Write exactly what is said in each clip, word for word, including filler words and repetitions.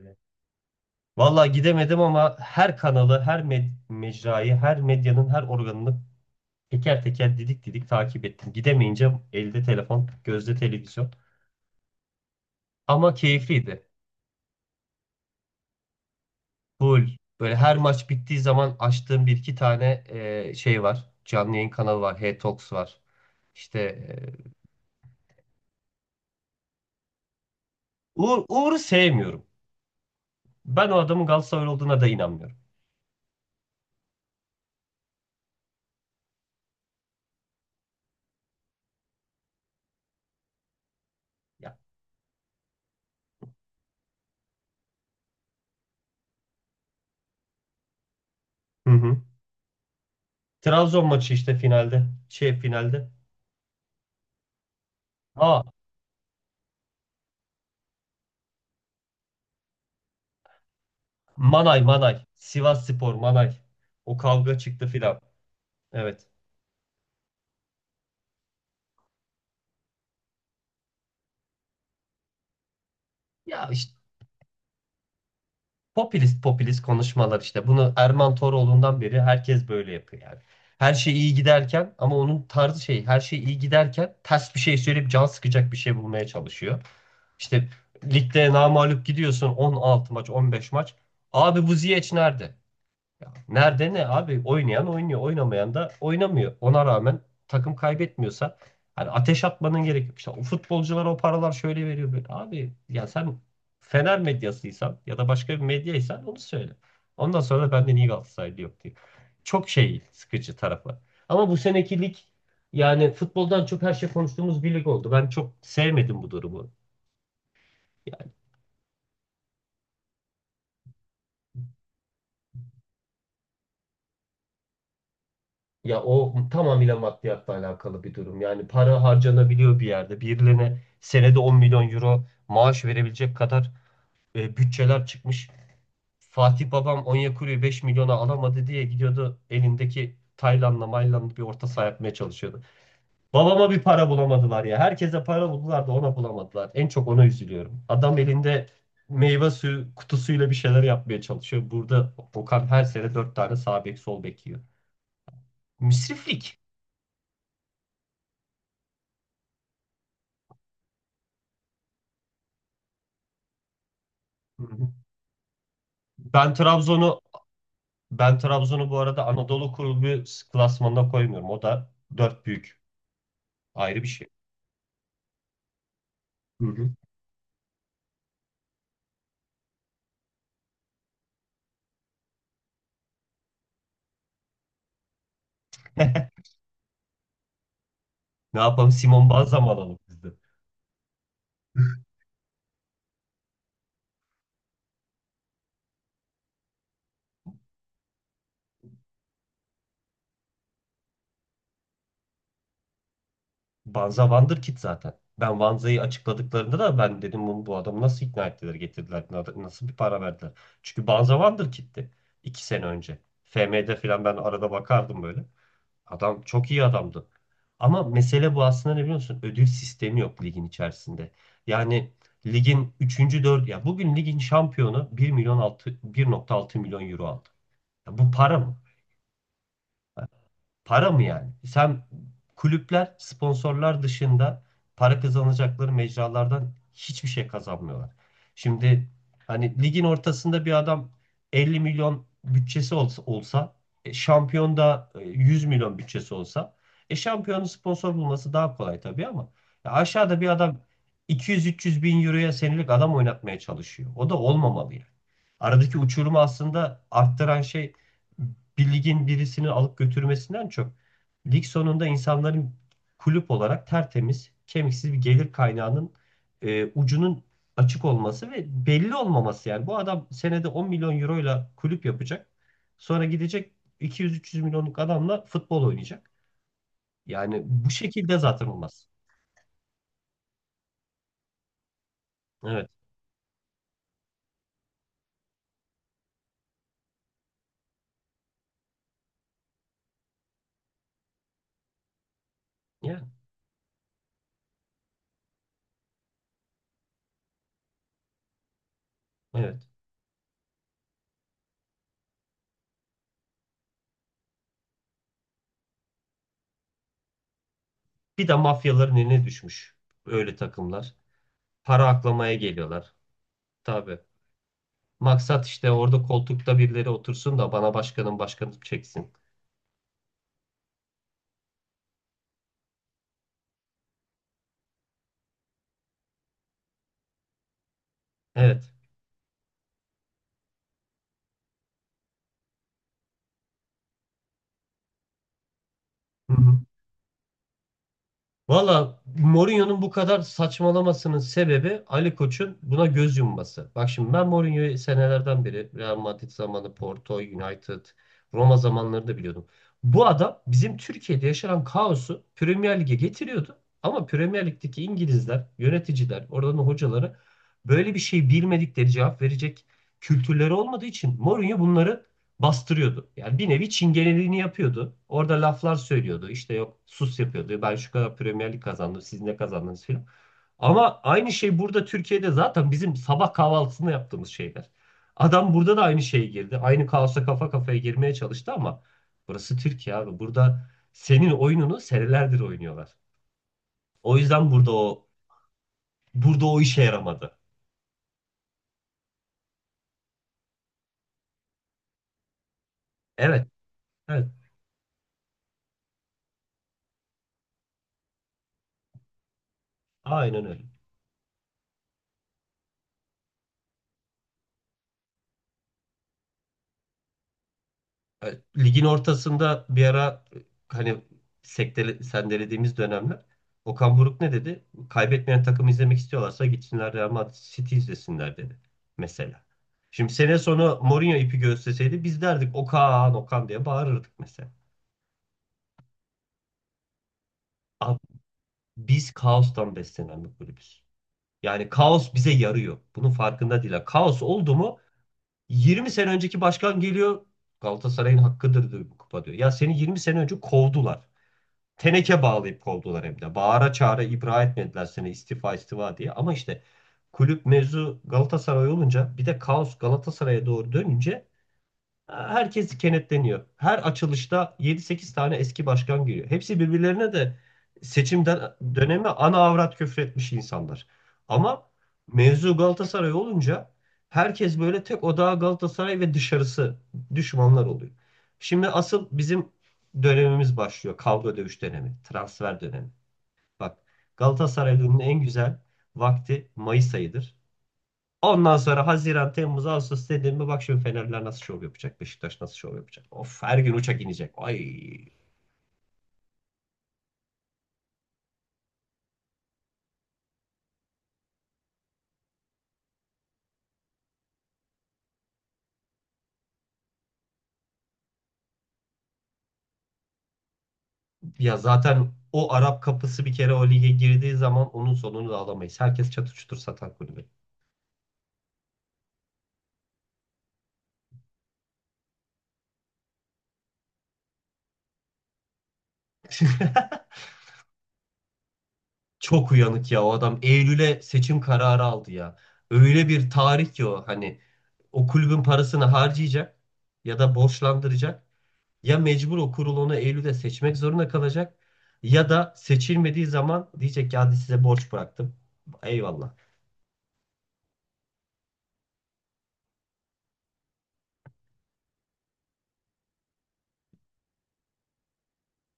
Evet. Vallahi gidemedim ama her kanalı, her med- mecrayı, her medyanın her organını teker teker didik didik takip ettim. Gidemeyince elde telefon, gözde televizyon. Ama keyifliydi. Full. Böyle her maç bittiği zaman açtığım bir iki tane e, şey var. Canlı yayın kanalı var. H-Talks var. İşte. E, Uğur, Uğur'u sevmiyorum. Ben o adamın Galatasaray olduğuna da inanmıyorum. Ya. Hı hı. Trabzon maçı işte finalde. Şey finalde. Aa, Manay Manay. Sivas Spor Manay. O kavga çıktı filan. Evet. Ya işte popülist popülist konuşmalar işte. Bunu Erman Toroğlu'ndan beri herkes böyle yapıyor yani. Her şey iyi giderken, ama onun tarzı şey, her şey iyi giderken ters bir şey söyleyip can sıkacak bir şey bulmaya çalışıyor. İşte ligde namağlup gidiyorsun, on altı maç on beş maç. Abi bu Ziyech nerede? Ya nerede ne abi? Oynayan oynuyor, oynamayan da oynamıyor. Ona rağmen takım kaybetmiyorsa hani ateş atmanın gerek yok. İşte o futbolculara o paralar şöyle veriyor böyle. Abi ya sen Fener medyasıysan ya da başka bir medyaysan onu söyle. Ondan sonra da benden iyi Galatasaraylı yok diyor. Çok şey sıkıcı tarafı. Ama bu seneki lig yani futboldan çok her şey konuştuğumuz bir lig oldu. Ben çok sevmedim bu durumu. Ya, o tamamıyla maddiyatla alakalı bir durum. Yani para harcanabiliyor bir yerde. Birilerine senede on milyon euro maaş verebilecek kadar e, bütçeler çıkmış. Fatih babam Onyekuru'yu beş milyona alamadı diye gidiyordu, elindeki Tayland'la Mayland'la bir orta saha yapmaya çalışıyordu. Babama bir para bulamadılar ya. Herkese para buldular da ona bulamadılar. En çok ona üzülüyorum. Adam elinde meyve suyu kutusuyla bir şeyler yapmaya çalışıyor. Burada Okan her sene dört tane sağ bek sol bek yiyor. Müsriflik. Ben Trabzon'u ben Trabzon'u bu arada Anadolu Kulübü klasmanına koymuyorum. O da dört büyük. Ayrı bir şey. Hı hı. Ne yapalım? Simon Banza mı alalım biz de? Banza Wonderkid zaten. Ben Banza'yı açıkladıklarında da ben dedim, bu, bu adamı nasıl ikna ettiler, getirdiler, na- nasıl bir para verdiler. Çünkü Banza Wonderkid'ti iki sene önce. F M'de falan ben arada bakardım böyle. Adam çok iyi adamdı. Ama mesele bu aslında, ne biliyorsun? Ödül sistemi yok ligin içerisinde. Yani ligin üçüncü dördüncü, ya bugün ligin şampiyonu bir milyon altı bir nokta altı milyon euro aldı. Ya bu para mı? Para mı yani? Sen, kulüpler sponsorlar dışında para kazanacakları mecralardan hiçbir şey kazanmıyorlar. Şimdi hani ligin ortasında bir adam elli milyon bütçesi olsa, olsa, e, şampiyon da e, yüz milyon bütçesi olsa, e şampiyonun sponsor bulması daha kolay tabii, ama ya aşağıda bir adam iki yüz üç yüz bin euroya senelik adam oynatmaya çalışıyor. O da olmamalı yani. Aradaki uçurumu aslında arttıran şey, bir ligin birisini alıp götürmesinden çok, lig sonunda insanların kulüp olarak tertemiz, kemiksiz bir gelir kaynağının e, ucunun açık olması ve belli olmaması yani. Bu adam senede on milyon euroyla kulüp yapacak. Sonra gidecek, iki yüz üç yüz milyonluk adamla futbol oynayacak. Yani bu şekilde zaten olmaz. Evet. Yani, evet. Bir de mafyaların eline düşmüş öyle takımlar. Para aklamaya geliyorlar. Tabii. Maksat işte, orada koltukta birileri otursun da bana başkanım başkanım çeksin. Evet. Hı hı. Valla, Mourinho'nun bu kadar saçmalamasının sebebi Ali Koç'un buna göz yumması. Bak şimdi, ben Mourinho'yu senelerden beri Real Madrid zamanı, Porto, United, Roma zamanları da biliyordum. Bu adam bizim Türkiye'de yaşanan kaosu Premier Lig'e getiriyordu. Ama Premier Lig'deki İngilizler, yöneticiler, oradan hocaları böyle bir şey bilmedikleri, cevap verecek kültürleri olmadığı için Mourinho bunları bastırıyordu. Yani bir nevi çingeneliğini yapıyordu. Orada laflar söylüyordu. İşte yok sus yapıyordu. Ben şu kadar Premier Lig kazandım. Siz ne kazandınız filan. Ama aynı şey burada, Türkiye'de zaten bizim sabah kahvaltısında yaptığımız şeyler. Adam burada da aynı şeye girdi. Aynı kaosa kafa kafaya girmeye çalıştı, ama burası Türkiye abi. Burada senin oyununu senelerdir oynuyorlar. O yüzden burada o burada o işe yaramadı. Evet, evet. Aynen öyle. e, ligin ortasında bir ara e, hani sektele, sendelediğimiz dönemler, Okan Buruk ne dedi? Kaybetmeyen takımı izlemek istiyorlarsa gitsinler Real Madrid, City izlesinler dedi mesela. Şimdi sene sonu Mourinho ipi gösterseydi biz derdik, Okan Okan diye bağırırdık mesela. Abi, biz kaostan beslenen bir kulübüz. Yani kaos bize yarıyor. Bunun farkında değil. Yani kaos oldu mu, yirmi sene önceki başkan geliyor, Galatasaray'ın hakkıdır diyor bu kupa, diyor. Ya seni yirmi sene önce kovdular. Teneke bağlayıp kovdular hem de. Bağıra çağıra ibra etmediler seni, istifa istifa diye. Ama işte kulüp mevzu Galatasaray olunca, bir de kaos Galatasaray'a doğru dönünce herkes kenetleniyor. Her açılışta yedi sekiz tane eski başkan giriyor. Hepsi birbirlerine de seçimden dönemi ana avrat küfretmiş insanlar. Ama mevzu Galatasaray olunca herkes böyle tek odağa, Galatasaray ve dışarısı düşmanlar oluyor. Şimdi asıl bizim dönemimiz başlıyor. Kavga dövüş dönemi, transfer dönemi. Bak, Galatasaraylı'nın en güzel vakti Mayıs ayıdır. Ondan sonra Haziran, Temmuz, Ağustos dediğimde bak şimdi Fenerler nasıl şov yapacak, Beşiktaş nasıl şov yapacak. Of, her gün uçak inecek. Ay, ya zaten o Arap kapısı bir kere o lige girdiği zaman onun sonunu da alamayız. Herkes çatır çutur satan kulübe. Çok uyanık ya o adam. Eylül'e seçim kararı aldı ya. Öyle bir tarih ki o, hani o kulübün parasını harcayacak ya da borçlandıracak. Ya mecbur, o kurulunu Eylül'de seçmek zorunda kalacak ya da seçilmediği zaman diyecek ki, hadi size borç bıraktım. Eyvallah.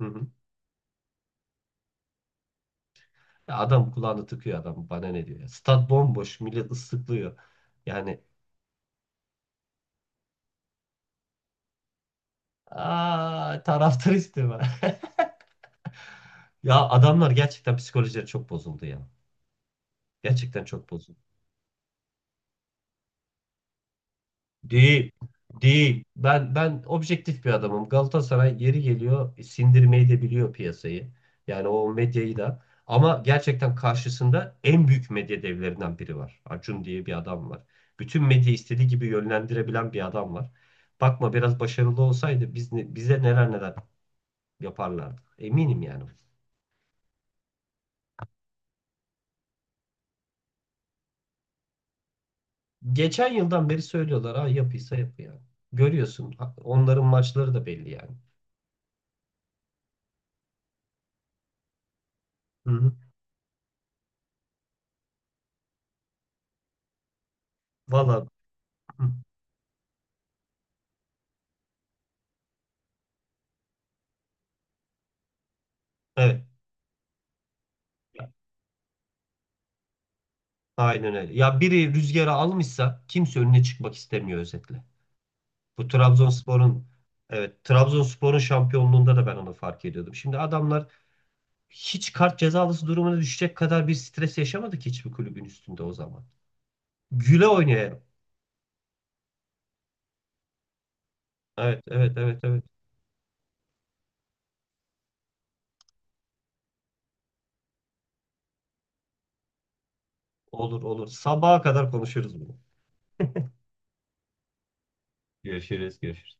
Hı hı. Ya adam kulağını tıkıyor, adam bana ne diyor ya. Stat bomboş, millet ıslıklıyor. Yani, aa, taraftar istiyor. Ya adamlar gerçekten psikolojileri çok bozuldu ya. Gerçekten çok bozuldu. Değil. Değil. Ben ben objektif bir adamım. Galatasaray yeri geliyor sindirmeyi de biliyor piyasayı. Yani o medyayı da. Ama gerçekten karşısında en büyük medya devlerinden biri var. Acun diye bir adam var. Bütün medyayı istediği gibi yönlendirebilen bir adam var. Bakma, biraz başarılı olsaydı biz ne- bize neler neler yaparlardı. Eminim yani. Geçen yıldan beri söylüyorlar, ha yapıysa yapı yani. Görüyorsun, ha- onların maçları da belli yani. Hı hı. Valla, hı. Evet. Aynen öyle. Ya biri rüzgarı almışsa kimse önüne çıkmak istemiyor özetle. Bu Trabzonspor'un, evet, Trabzonspor'un şampiyonluğunda da ben onu fark ediyordum. Şimdi adamlar hiç kart cezalısı durumuna düşecek kadar bir stres yaşamadı ki, hiçbir kulübün üstünde, o zaman. Güle oynaya. Evet, evet, evet, evet. Olur, olur. Sabaha kadar konuşuruz bunu. Görüşürüz, görüşürüz.